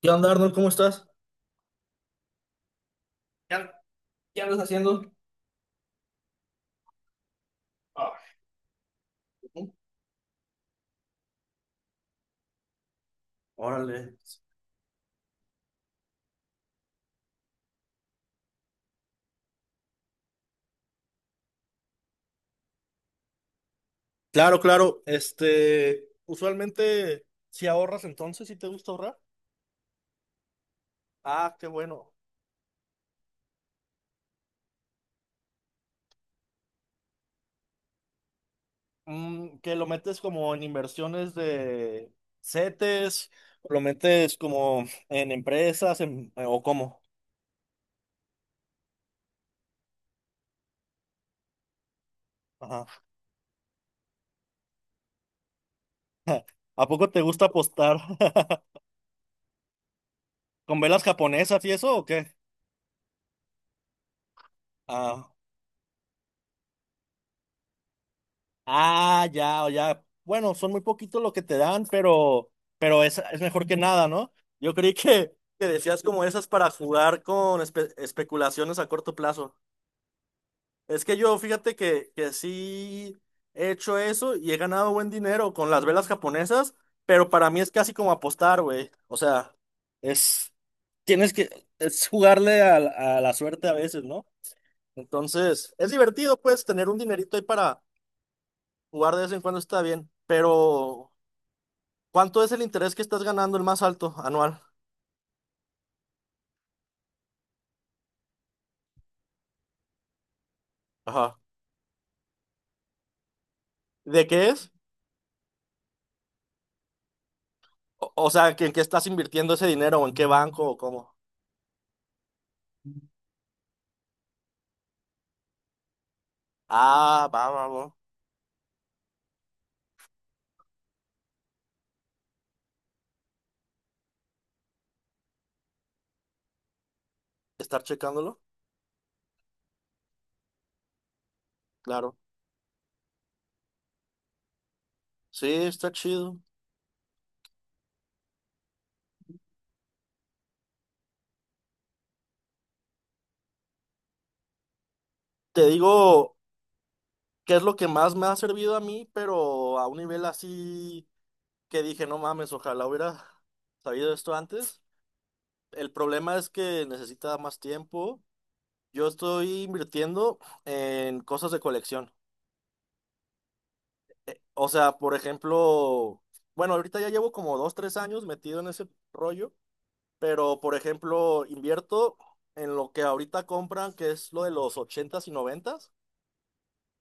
¿Qué onda, Arnold? ¿Cómo estás? ¿Qué, an- qué andas haciendo? Ah, ¿no? Órale. Claro, claro. Este, usualmente, si ahorras entonces, si te gusta ahorrar. Ah, qué bueno. Que lo metes como en inversiones de CETES, lo metes como en empresas, o cómo. Ajá. ¿A poco te gusta apostar con velas japonesas y eso o qué? Ah. Ah, ya, o ya. Bueno, son muy poquitos lo que te dan, pero es mejor que nada, ¿no? Yo creí que decías como esas para jugar con especulaciones a corto plazo. Es que yo, fíjate que sí he hecho eso y he ganado buen dinero con las velas japonesas, pero para mí es casi como apostar, güey. O sea, es, tienes que, es jugarle a la suerte a veces, ¿no? Entonces, es divertido, pues, tener un dinerito ahí. Jugar de vez en cuando está bien, pero ¿cuánto es el interés que estás ganando el más alto anual? Ajá. ¿De qué es? O sea, ¿En qué estás invirtiendo ese dinero o en qué banco o cómo? Ah, va, va, va. ¿Estar checándolo? Claro. Sí, está chido. Te digo qué es lo que más me ha servido a mí, pero a un nivel así que dije, no mames, ojalá hubiera sabido esto antes. El problema es que necesita más tiempo. Yo estoy invirtiendo en cosas de colección. O sea, por ejemplo, bueno, ahorita ya llevo como dos, tres años metido en ese rollo, pero por ejemplo, invierto en lo que ahorita compran, que es lo de los ochentas y noventas.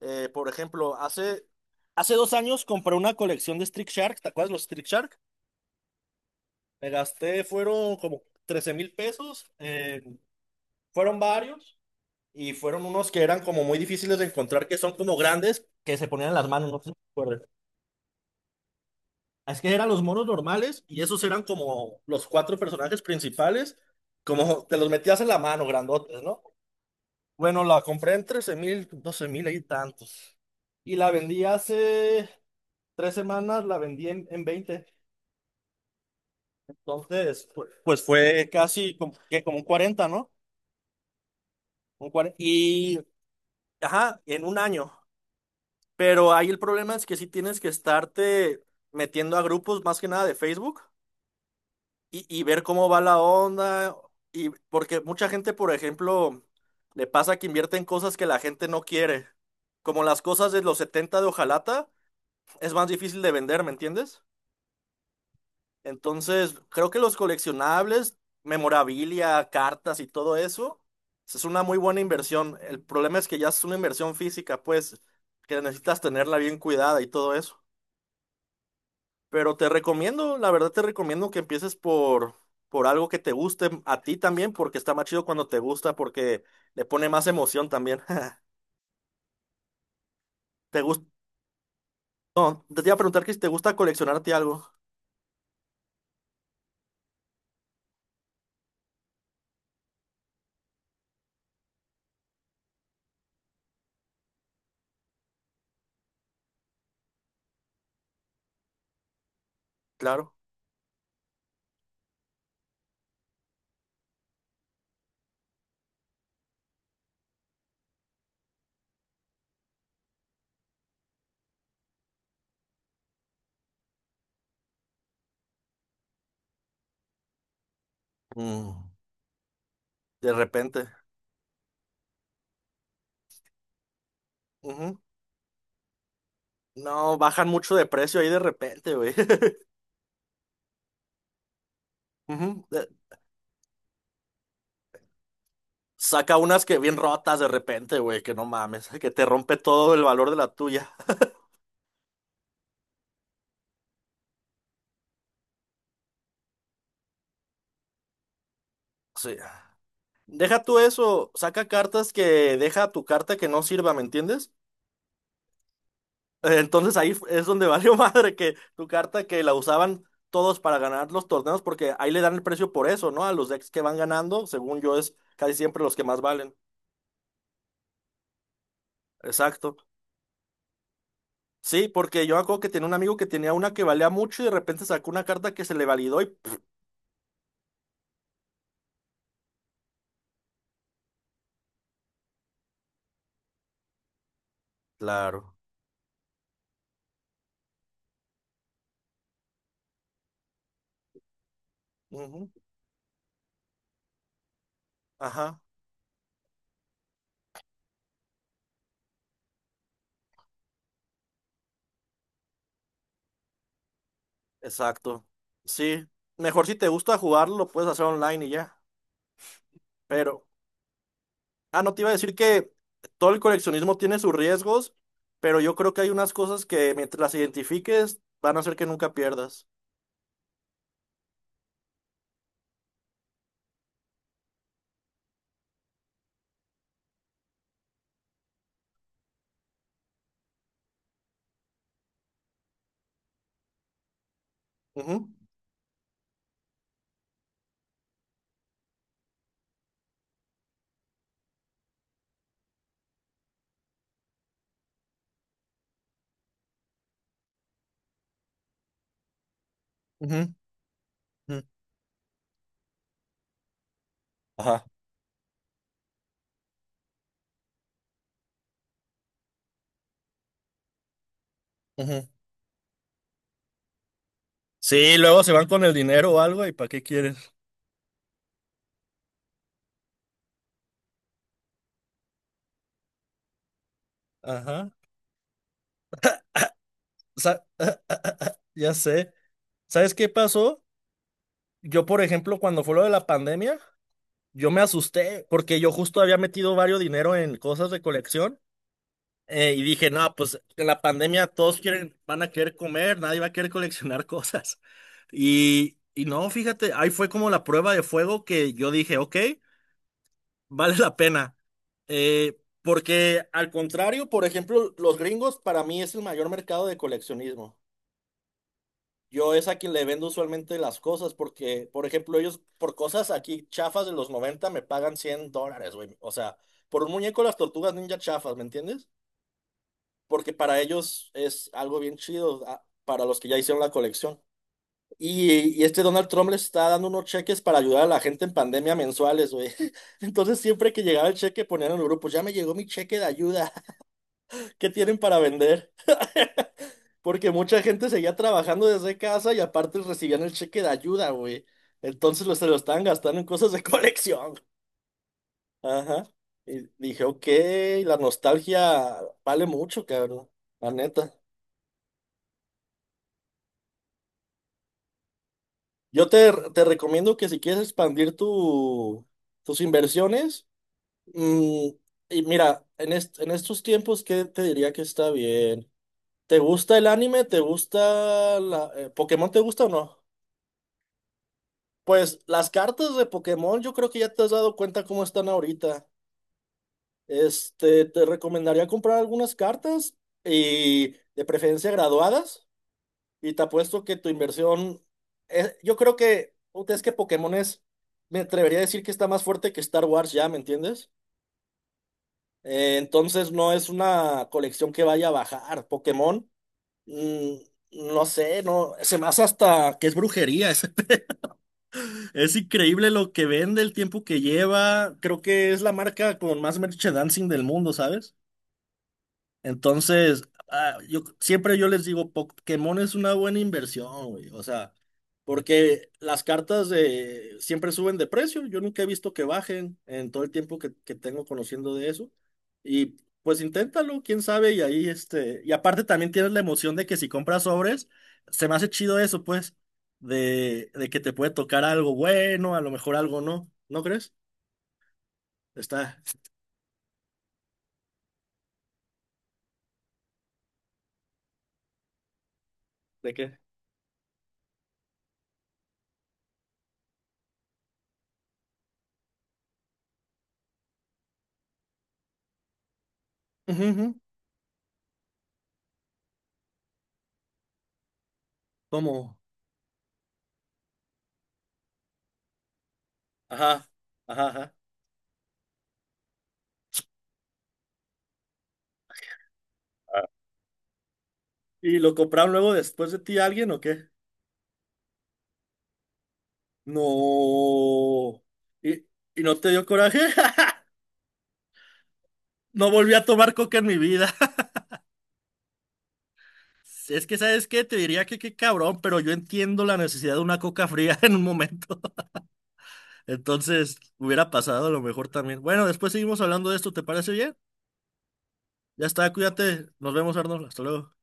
Por ejemplo, hace 2 años compré una colección de Street Shark, ¿te acuerdas de los Street Shark? Me gasté, fueron como 13,000 pesos, fueron varios y fueron unos que eran como muy difíciles de encontrar, que son como grandes, que se ponían en las manos, no sé si. Es que eran los monos normales y esos eran como los cuatro personajes principales, como te los metías en la mano, grandotes, ¿no? Bueno, la compré en 13,000, 12,000 y tantos. Y la vendí hace 3 semanas, la vendí en, 20. Entonces, pues fue casi como, que como un 40, ¿no? Un cuarenta. Y, ajá, en un año. Pero ahí el problema es que sí tienes que estarte metiendo a grupos más que nada de Facebook y ver cómo va la onda. Y porque mucha gente, por ejemplo, le pasa que invierte en cosas que la gente no quiere. Como las cosas de los 70 de Ojalata, es más difícil de vender, ¿me entiendes? Entonces, creo que los coleccionables, memorabilia, cartas y todo eso, es una muy buena inversión. El problema es que ya es una inversión física, pues, que necesitas tenerla bien cuidada y todo eso. Pero te recomiendo, la verdad te recomiendo que empieces por algo que te guste a ti también, porque está más chido cuando te gusta, porque le pone más emoción también. ¿Te gusta? No, te iba a preguntar que si te gusta coleccionarte algo. Claro. Mm, de repente. Ujú. No, bajan mucho de precio ahí de repente, güey. Ujú. Saca unas que bien rotas de repente, güey, que no mames, que te rompe todo el valor de la tuya. Sí. Deja tú eso, saca cartas que deja tu carta que no sirva, ¿me entiendes? Entonces ahí es donde valió madre que tu carta que la usaban todos para ganar los torneos, porque ahí le dan el precio por eso, ¿no? A los decks que van ganando, según yo, es casi siempre los que más valen. Exacto. Sí, porque yo me acuerdo que tenía un amigo que tenía una que valía mucho y de repente sacó una carta que se le validó y... pff. Claro. Ujú. Ajá, exacto. Sí. Mejor si te gusta jugarlo, lo puedes hacer online y ya. Pero. Ah, no te iba a decir que todo el coleccionismo tiene sus riesgos, pero yo creo que hay unas cosas que mientras las identifiques van a hacer que nunca pierdas. Ujú, ujú, ujú. Ajá. Ujú. Sí, luego se van con el dinero o algo y ¿para qué quieres? Ajá. Sa- ya sé. ¿Sabes qué pasó? Yo, por ejemplo, cuando fue lo de la pandemia, yo me asusté porque yo justo había metido varios dinero en cosas de colección. Y dije, no, pues en la pandemia todos quieren, van a querer comer, nadie va a querer coleccionar cosas. Y no, fíjate, ahí fue como la prueba de fuego que yo dije, ok, vale la pena. Porque al contrario, por ejemplo, los gringos para mí es el mayor mercado de coleccionismo. Yo es a quien le vendo usualmente las cosas porque, por ejemplo, ellos por cosas aquí chafas de los 90 me pagan $100, güey. O sea, por un muñeco de las tortugas ninja chafas, ¿me entiendes? Porque para ellos es algo bien chido, para los que ya hicieron la colección. Y este Donald Trump le está dando unos cheques para ayudar a la gente en pandemia mensuales, güey. Entonces siempre que llegaba el cheque ponían en el grupo, ya me llegó mi cheque de ayuda, ¿qué tienen para vender? Porque mucha gente seguía trabajando desde casa y aparte recibían el cheque de ayuda, güey. Entonces se lo estaban gastando en cosas de colección. Ajá. Y dije, ok, la nostalgia vale mucho, cabrón. La neta. Yo te recomiendo que si quieres expandir tu, tus inversiones, mm, y mira, en estos tiempos, ¿qué te diría que está bien? ¿Te gusta el anime? ¿Te gusta Pokémon? ¿Te gusta o no? Pues las cartas de Pokémon, yo creo que ya te has dado cuenta cómo están ahorita. Este, te recomendaría comprar algunas cartas y de preferencia graduadas. Y te apuesto que tu inversión, yo creo que, puta, es que Pokémon es, me atrevería a decir que está más fuerte que Star Wars ya, ¿me entiendes? Entonces no es una colección que vaya a bajar. Pokémon, mm, no sé, no, se me hace hasta que es brujería. Es, es increíble lo que vende, el tiempo que lleva. Creo que es la marca con más merchandising del mundo, ¿sabes? Entonces, yo siempre yo les digo, Pokémon es una buena inversión, güey. O sea, porque las cartas de siempre suben de precio. Yo nunca he visto que bajen en todo el tiempo que tengo conociendo de eso. Y pues inténtalo, quién sabe, y ahí este. Y aparte también tienes la emoción de que si compras sobres, se me hace chido eso, pues, de que te puede tocar algo bueno, a lo mejor algo no. ¿No crees? Está. ¿De qué? Ujú, ujú. ¿Cómo? Ajá, ajá, ajá. ¿Y lo compraron luego después de ti alguien o qué? No. ¿Y, y no te dio coraje? No volví a tomar coca en mi vida. Es que, ¿sabes qué? Te diría que qué cabrón, pero yo entiendo la necesidad de una coca fría en un momento. Entonces, hubiera pasado a lo mejor también. Bueno, después seguimos hablando de esto, ¿te parece bien? Ya está, cuídate. Nos vemos, Arnold. Hasta luego.